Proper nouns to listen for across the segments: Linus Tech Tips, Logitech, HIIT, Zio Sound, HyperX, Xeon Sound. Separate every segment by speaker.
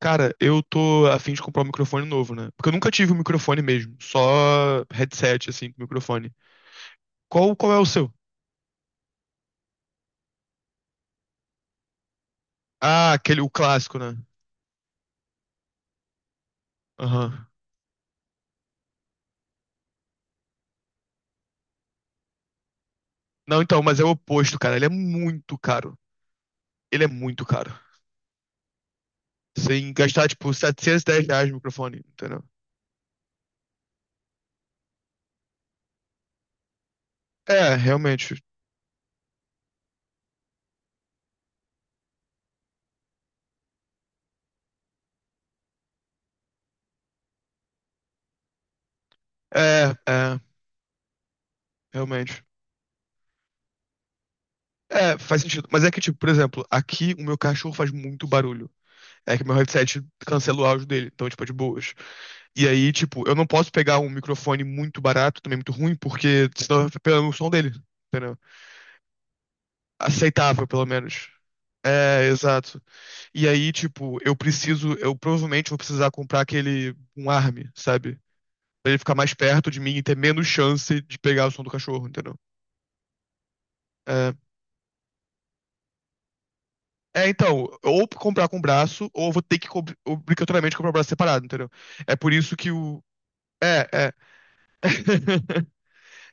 Speaker 1: Cara, eu tô a fim de comprar um microfone novo, né? Porque eu nunca tive um microfone mesmo, só headset, assim, com microfone. Qual é o seu? Ah, aquele, o clássico, né? Aham. Não, então, mas é o oposto, cara. Ele é muito caro. Ele é muito caro. Sem gastar, tipo, R$ 710 no microfone, entendeu? É, realmente. É, realmente. É, faz sentido. Mas é que, tipo, por exemplo, aqui o meu cachorro faz muito barulho. É que meu headset cancela o áudio dele, então, tipo, é de boas. E aí, tipo, eu não posso pegar um microfone muito barato, também muito ruim, porque senão eu fico pegando o som dele, entendeu? Aceitável, pelo menos. É, exato. E aí, tipo, eu provavelmente vou precisar comprar aquele, um arm, sabe? Pra ele ficar mais perto de mim e ter menos chance de pegar o som do cachorro, entendeu? É, é, então, ou comprar com braço, ou eu vou ter que obrigatoriamente comprar o braço separado, entendeu? É por isso que o. É, é.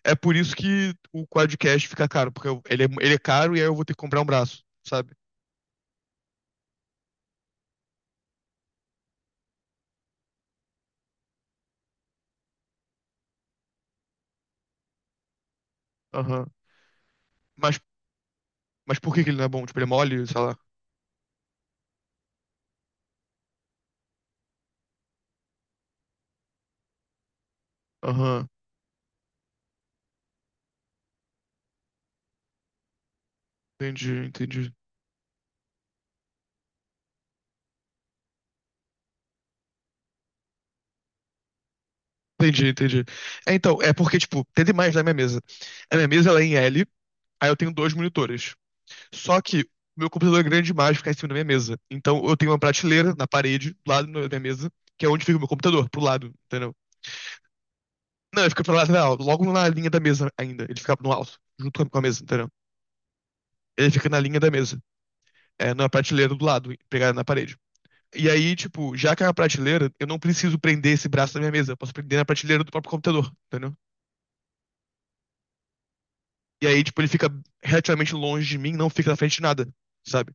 Speaker 1: É por isso que o quadcast fica caro, porque ele é caro e aí eu vou ter que comprar um braço, sabe? Aham. Mas, mas por que que ele não é bom? Tipo, ele é mole, sei lá. Aham. Entendi, entendi. Entendi, entendi. É, então, é porque, tipo, tem demais na minha mesa. A minha mesa, ela é em L, aí eu tenho dois monitores. Só que meu computador é grande demais, fica em cima da minha mesa. Então, eu tenho uma prateleira na parede, do lado da minha mesa, que é onde fica o meu computador, pro lado, entendeu? Não, ele fica pro lado, não, logo na linha da mesa ainda. Ele fica no alto, junto com a mesa, entendeu? Ele fica na linha da mesa. É, na prateleira do lado, pegar na parede. E aí, tipo, já que é uma prateleira, eu não preciso prender esse braço na minha mesa. Eu posso prender na prateleira do próprio computador, entendeu? E aí, tipo, ele fica relativamente longe de mim, não fica na frente de nada, sabe?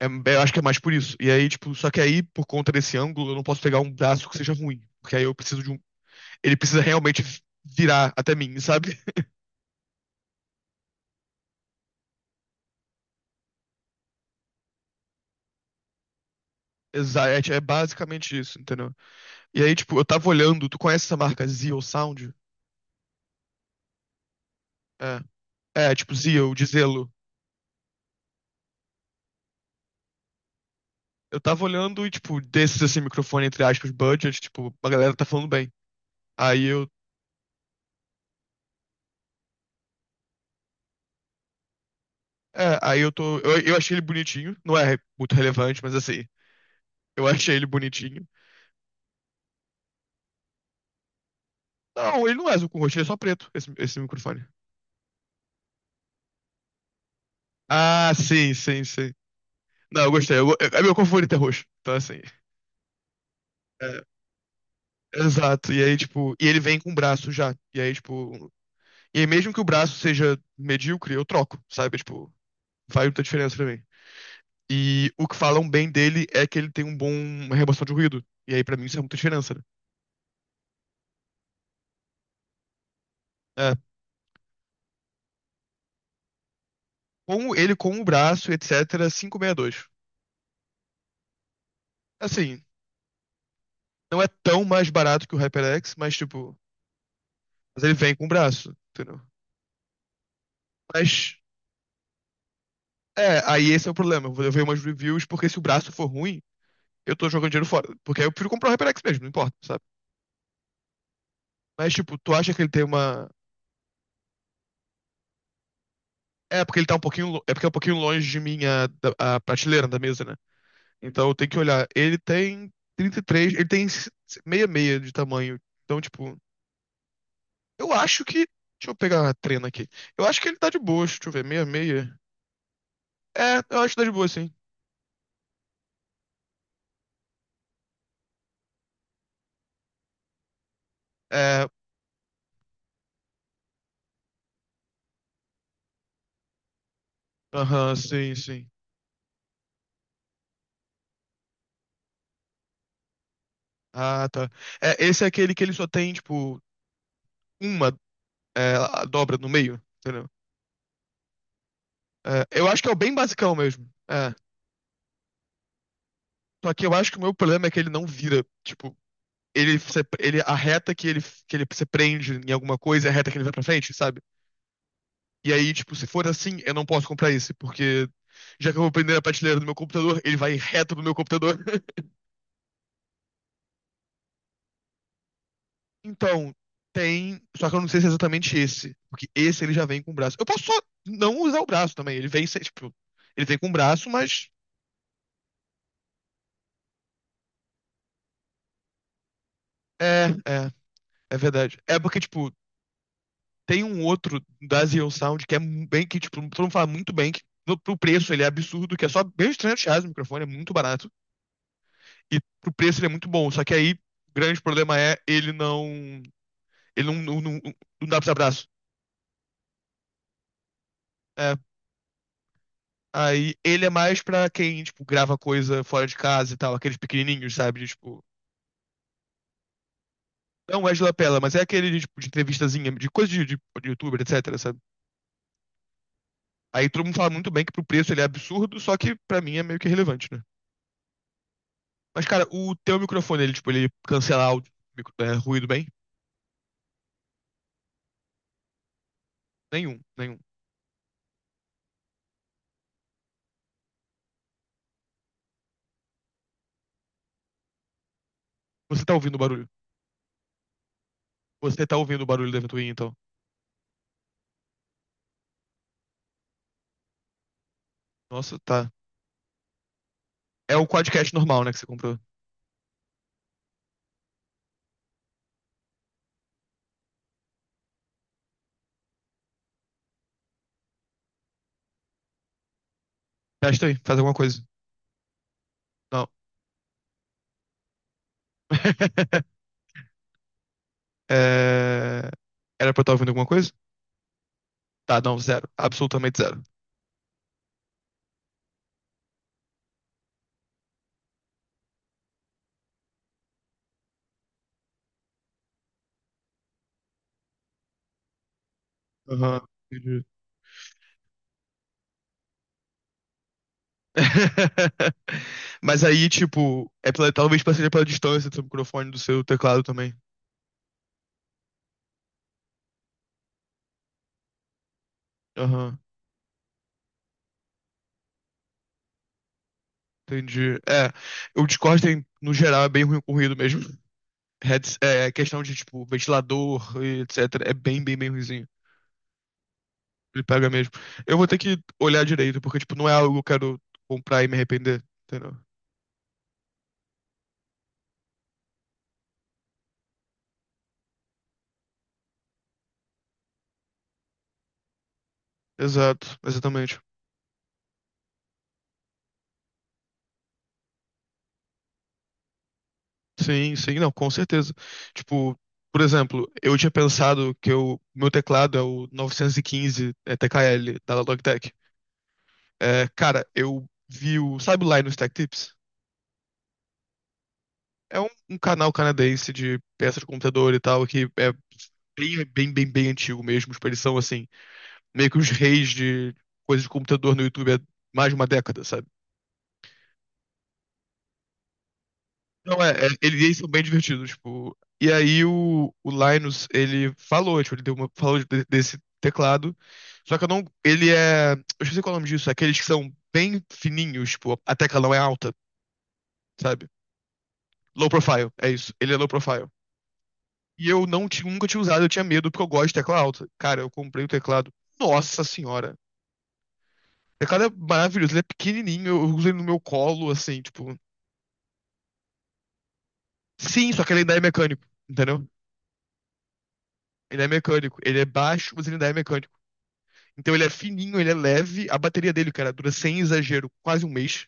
Speaker 1: É, eu acho que é mais por isso. E aí, tipo, só que aí, por conta desse ângulo, eu não posso pegar um braço que seja ruim. Porque aí eu preciso de um. Ele precisa realmente virar até mim, sabe? Exato, é basicamente isso, entendeu? E aí, tipo, eu tava olhando, tu conhece essa marca Zio Sound? É, é tipo Zio, de zelo. Eu tava olhando e, tipo, desses, assim, microfone, entre aspas, budget, tipo, a galera tá falando bem. Aí eu. É, aí eu tô. Eu achei ele bonitinho. Não é muito relevante, mas assim, eu achei ele bonitinho. Não, ele não é azul com roxo, ele é só preto, esse microfone. Ah, sim, sim, sim. Não, eu gostei. É, meu favorito é roxo. Então, assim. É, exato. E aí, tipo. E ele vem com o braço já. E aí, tipo. E aí, mesmo que o braço seja medíocre, eu troco, sabe? Tipo, faz muita diferença pra mim. E o que falam bem dele é que ele tem um bom uma remoção de ruído. E aí, pra mim, isso é muita diferença, né? É, com ele com o braço, etc., dois. Assim, não é tão mais barato que o HyperX, mas, tipo, ele vem com o braço, entendeu? Mas, é, aí esse é o problema. Eu vejo umas reviews, porque se o braço for ruim, eu tô jogando dinheiro fora. Porque aí eu prefiro comprar o HyperX mesmo, não importa, sabe? Mas, tipo, tu acha que ele tem uma. É, porque ele tá um pouquinho. Lo- É porque é um pouquinho longe de mim a prateleira da mesa, né? Então eu tenho que olhar. Ele tem 33, ele tem 66 de tamanho. Então, tipo, eu acho que. Deixa eu pegar a trena aqui. Eu acho que ele tá de boa, deixa eu ver, 66. É, eu acho que tá de boa, sim. É, aham, sim, sim. Ah, tá. É, esse é aquele que ele só tem, tipo, uma a dobra no meio, entendeu? É, eu acho que é o bem basicão mesmo. É. Só que eu acho que o meu problema é que ele não vira, tipo, ele, se- ele, a reta que ele se prende em alguma coisa é a reta que ele vai pra frente, sabe? E aí, tipo, se for assim, eu não posso comprar esse, porque já que eu vou prender a prateleira do meu computador, ele vai reto pro meu computador. Então, tem. Só que eu não sei se é exatamente esse. Porque esse ele já vem com o braço. Eu posso só não usar o braço também. Ele vem sem, tipo. Ele vem com o braço, mas. É, é verdade. É porque, tipo, tem um outro da Xeon Sound que é bem que, tipo, todo mundo fala muito bem. Que, pro preço ele é absurdo, que é só bem R$ 300 o microfone, é muito barato. E pro preço ele é muito bom. Só que aí, o grande problema é ele não. Ele não, não, não, não dá pra abraço. É. Aí ele é mais pra quem, tipo, grava coisa fora de casa e tal, aqueles pequenininhos, sabe? De, tipo, não é de lapela, mas é aquele tipo, de entrevistazinha, de coisa de youtuber, etc, sabe? Aí todo mundo fala muito bem que pro preço ele é absurdo, só que pra mim é meio que irrelevante, né? Mas, cara, o teu microfone, ele, tipo, ele cancela áudio, ruído bem? Nenhum, nenhum. Você tá ouvindo o barulho? Você tá ouvindo o barulho da ventoinha, então? Nossa, tá. É o quadcast normal, né, que você comprou. Testa aí, faz alguma coisa. Não. É, era pra eu estar ouvindo alguma coisa? Tá, não, zero. Absolutamente zero. Aham, entendi. Mas aí, tipo, talvez seja pela distância do seu microfone do seu teclado também. Aham, entendi. É, o Discord, tem, no geral, é bem ruim com ruído mesmo. Heads, é questão de, tipo, ventilador e etc. É bem, bem, bem ruinzinho. Ele pega mesmo. Eu vou ter que olhar direito, porque, tipo, não é algo que eu quero comprar e me arrepender. Entendeu? Exato, exatamente. Sim, sim, não, com certeza. Tipo, por exemplo, eu tinha pensado que o meu teclado é o 915 TKL da Logitech. É, cara, sabe o Linus Tech Tips? É um canal canadense de peças de computador e tal, que é bem, bem, bem, bem antigo mesmo. Tipo, eles são, assim, meio que os reis de coisas de computador no YouTube há mais de uma década, sabe? Não, é, eles são bem divertidos, tipo. E aí o Linus, ele falou, tipo, falou desse teclado. Só que eu não. Ele é. Eu esqueci qual é o nome disso. Aqueles que são bem fininhos, tipo, a tecla não é alta, sabe? Low profile, é isso. Ele é low profile. E eu não tinha, nunca tinha usado, eu tinha medo, porque eu gosto de tecla alta. Cara, eu comprei o teclado. Nossa senhora. O teclado é maravilhoso, ele é pequenininho, eu uso ele no meu colo, assim, tipo. Sim, só que ele ainda é mecânico, entendeu? Ele é mecânico. Ele é baixo, mas ele ainda é mecânico. Então ele é fininho, ele é leve. A bateria dele, cara, dura sem exagero quase um mês.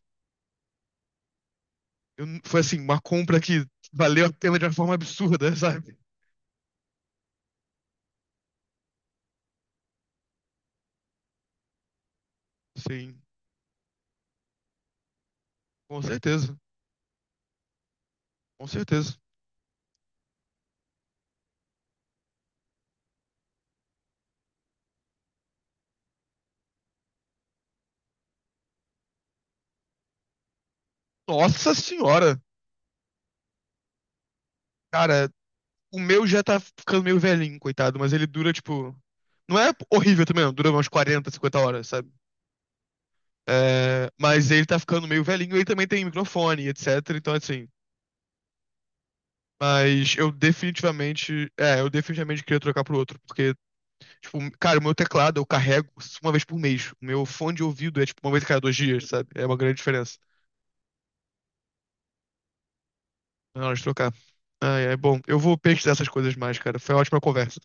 Speaker 1: Foi assim, uma compra que valeu a pena de uma forma absurda, sabe? Sim, com certeza. Com certeza. Nossa senhora! Cara, o meu já tá ficando meio velhinho, coitado, mas ele dura, tipo. Não é horrível também, não. Dura umas 40, 50 horas, sabe? É, mas ele tá ficando meio velhinho, ele também tem microfone, etc. Então, assim. Mas eu definitivamente. É, eu definitivamente queria trocar pro outro, porque. Tipo, cara, o meu teclado eu carrego uma vez por mês. O meu fone de ouvido é tipo uma vez a cada 2 dias, sabe? É uma grande diferença. Na hora de trocar. Ah, é bom. Eu vou pesquisar essas coisas mais, cara. Foi uma ótima conversa.